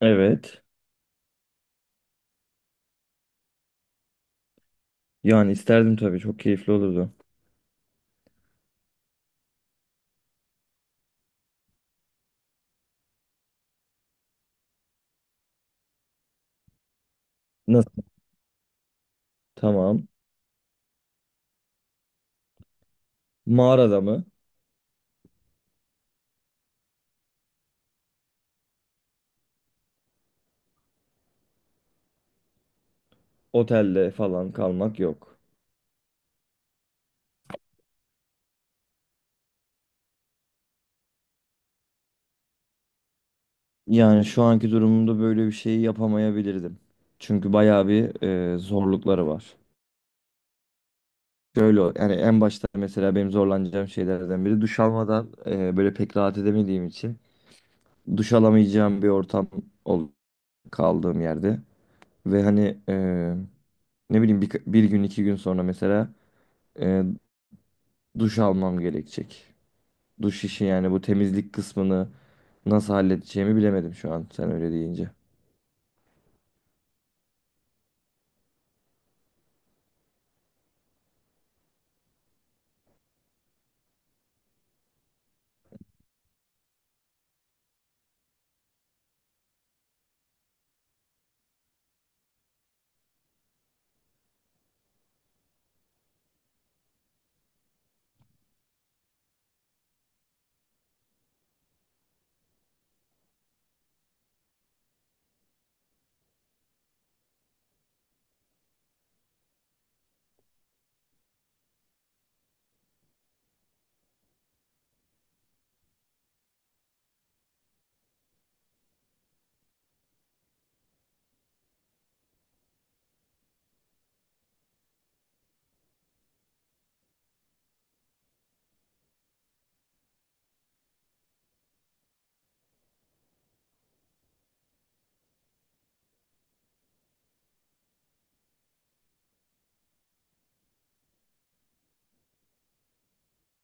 Evet. Yani isterdim tabii. Çok keyifli olurdu. Nasıl? Tamam. Mağarada mı? Otelde falan kalmak yok. Yani şu anki durumumda böyle bir şeyi yapamayabilirdim. Çünkü bayağı bir zorlukları var. Şöyle yani en başta mesela benim zorlanacağım şeylerden biri duş almadan böyle pek rahat edemediğim için duş alamayacağım bir ortam ol kaldığım yerde. Ve hani ne bileyim bir gün iki gün sonra mesela e, duş almam gerekecek. Duş işi yani bu temizlik kısmını nasıl halledeceğimi bilemedim şu an sen öyle deyince.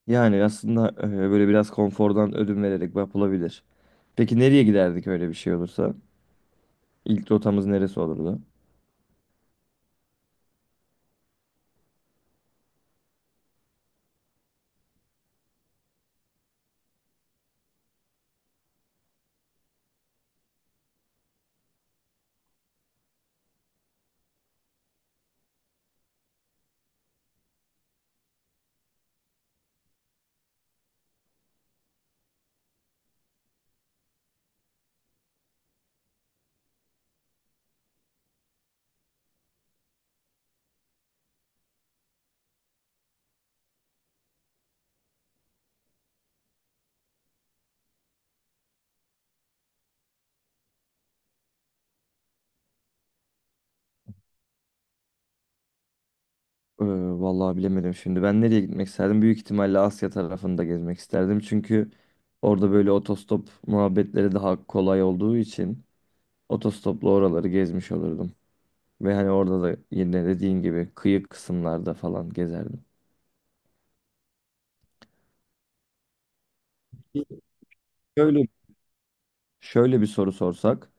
Yani aslında böyle biraz konfordan ödün vererek yapılabilir. Peki nereye giderdik öyle bir şey olursa? İlk rotamız neresi olurdu? Ee, Vallahi bilemedim şimdi. Ben nereye gitmek isterdim? Büyük ihtimalle Asya tarafında gezmek isterdim. Çünkü orada böyle otostop muhabbetleri daha kolay olduğu için otostopla oraları gezmiş olurdum. Ve hani orada da yine dediğin gibi kıyı kısımlarda falan gezerdim. Öyle. Şöyle bir soru sorsak,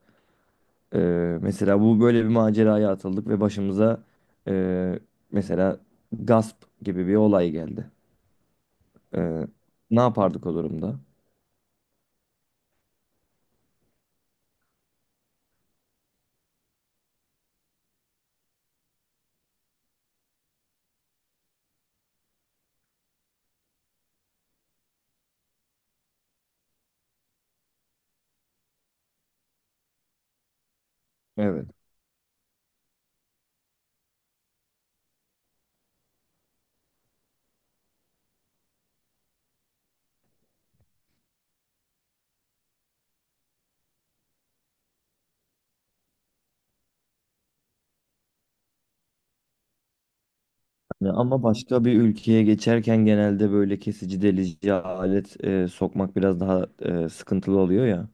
e, mesela bu böyle bir maceraya atıldık ve başımıza e, mesela gasp gibi bir olay geldi. E, Ne yapardık o durumda? Evet. Yani ama başka bir ülkeye geçerken genelde böyle kesici delici alet sokmak biraz daha sıkıntılı oluyor ya.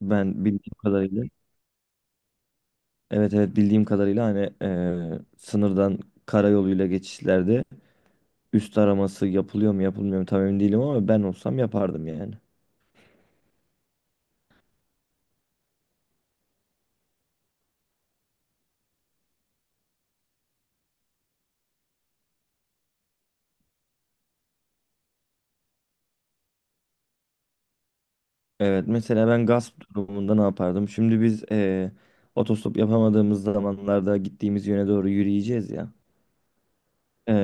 Ben bildiğim kadarıyla evet, evet, bildiğim kadarıyla hani sınırdan karayoluyla geçişlerde üst araması yapılıyor mu yapılmıyor mu tam emin değilim ama ben olsam yapardım yani. Evet, mesela ben gasp durumunda ne yapardım? Şimdi biz otostop yapamadığımız zamanlarda gittiğimiz yöne doğru yürüyeceğiz ya.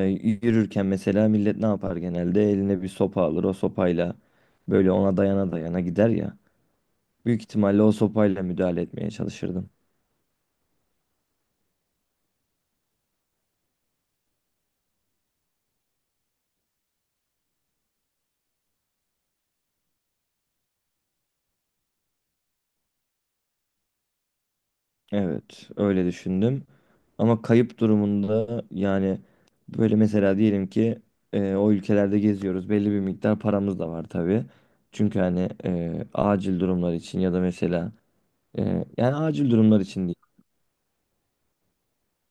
Yürürken mesela millet ne yapar genelde? Eline bir sopa alır, o sopayla böyle ona dayana dayana gider ya. Büyük ihtimalle o sopayla müdahale etmeye çalışırdım. Evet, öyle düşündüm. Ama kayıp durumunda yani böyle mesela diyelim ki o ülkelerde geziyoruz. Belli bir miktar paramız da var tabii. Çünkü hani acil durumlar için ya da mesela e, yani acil durumlar için değil.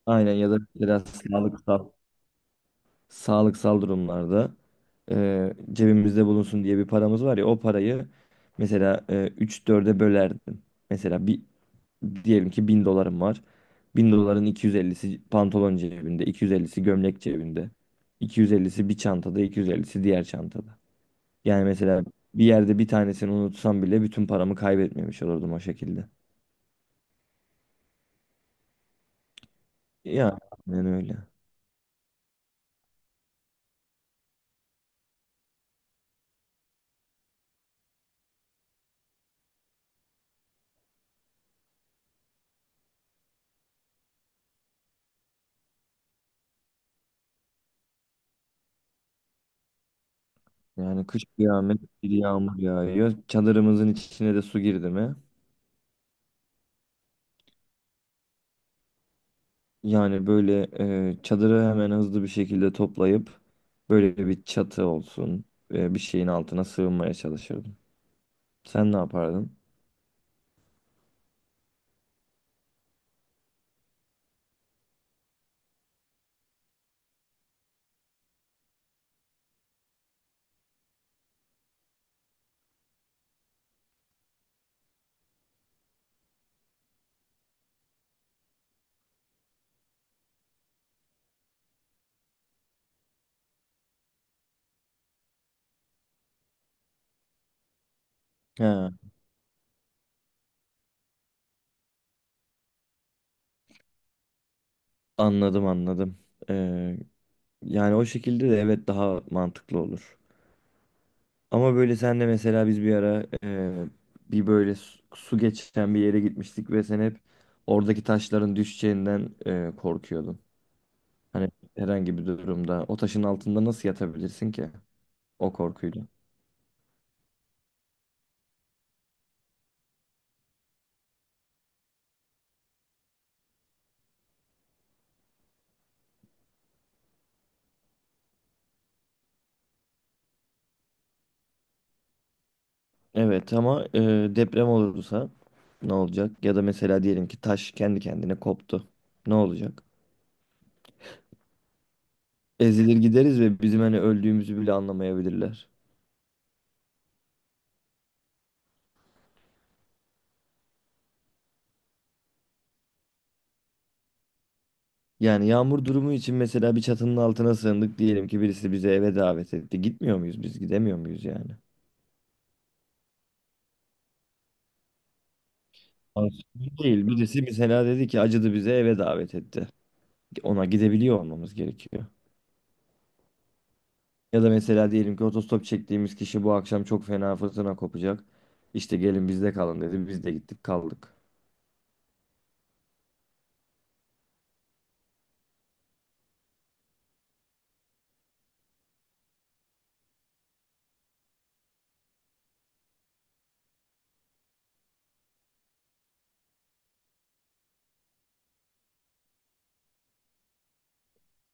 Aynen, ya da mesela sağlıksal durumlarda cebimizde bulunsun diye bir paramız var ya, o parayı mesela 3-4'e bölerdim. Mesela bir, diyelim ki 1000 dolarım var. 1000 doların 250'si pantolon cebinde, 250'si gömlek cebinde, 250'si bir çantada, 250'si diğer çantada. Yani mesela bir yerde bir tanesini unutsam bile bütün paramı kaybetmemiş olurdum o şekilde. Yani öyle. Yani kış kıyamet bir yağmur yağıyor. Çadırımızın içine de su girdi mi? Yani böyle çadırı hemen hızlı bir şekilde toplayıp böyle bir çatı olsun, bir şeyin altına sığınmaya çalışırdım. Sen ne yapardın? He, anladım, anladım. E, Yani o şekilde de evet, daha mantıklı olur. Ama böyle senle mesela biz bir ara bir böyle su geçen bir yere gitmiştik ve sen hep oradaki taşların düşeceğinden korkuyordun. Hani herhangi bir durumda o taşın altında nasıl yatabilirsin ki o korkuyla? Evet ama deprem olursa ne olacak? Ya da mesela diyelim ki taş kendi kendine koptu. Ne olacak? Ezilir gideriz ve bizim hani öldüğümüzü bile anlamayabilirler. Yani yağmur durumu için mesela bir çatının altına sığındık, diyelim ki birisi bizi eve davet etti. Gitmiyor muyuz biz? Gidemiyor muyuz yani? Aslında değil. Birisi mesela dedi ki acıdı, bize eve davet etti. Ona gidebiliyor olmamız gerekiyor. Ya da mesela diyelim ki otostop çektiğimiz kişi bu akşam çok fena fırtına kopacak, İşte gelin bizde kalın dedi. Biz de gittik kaldık.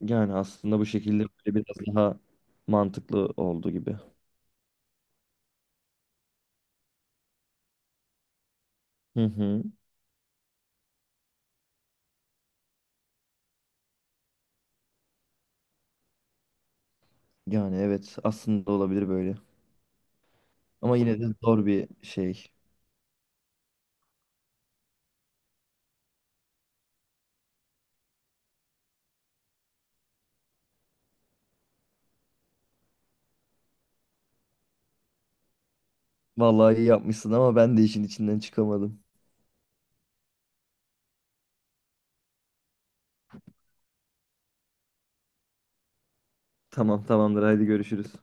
Yani aslında bu şekilde böyle biraz daha mantıklı oldu gibi. Hı hı. Yani evet, aslında olabilir böyle. Ama yine de zor bir şey. Vallahi iyi yapmışsın ama ben de işin içinden çıkamadım. Tamam, tamamdır, haydi görüşürüz.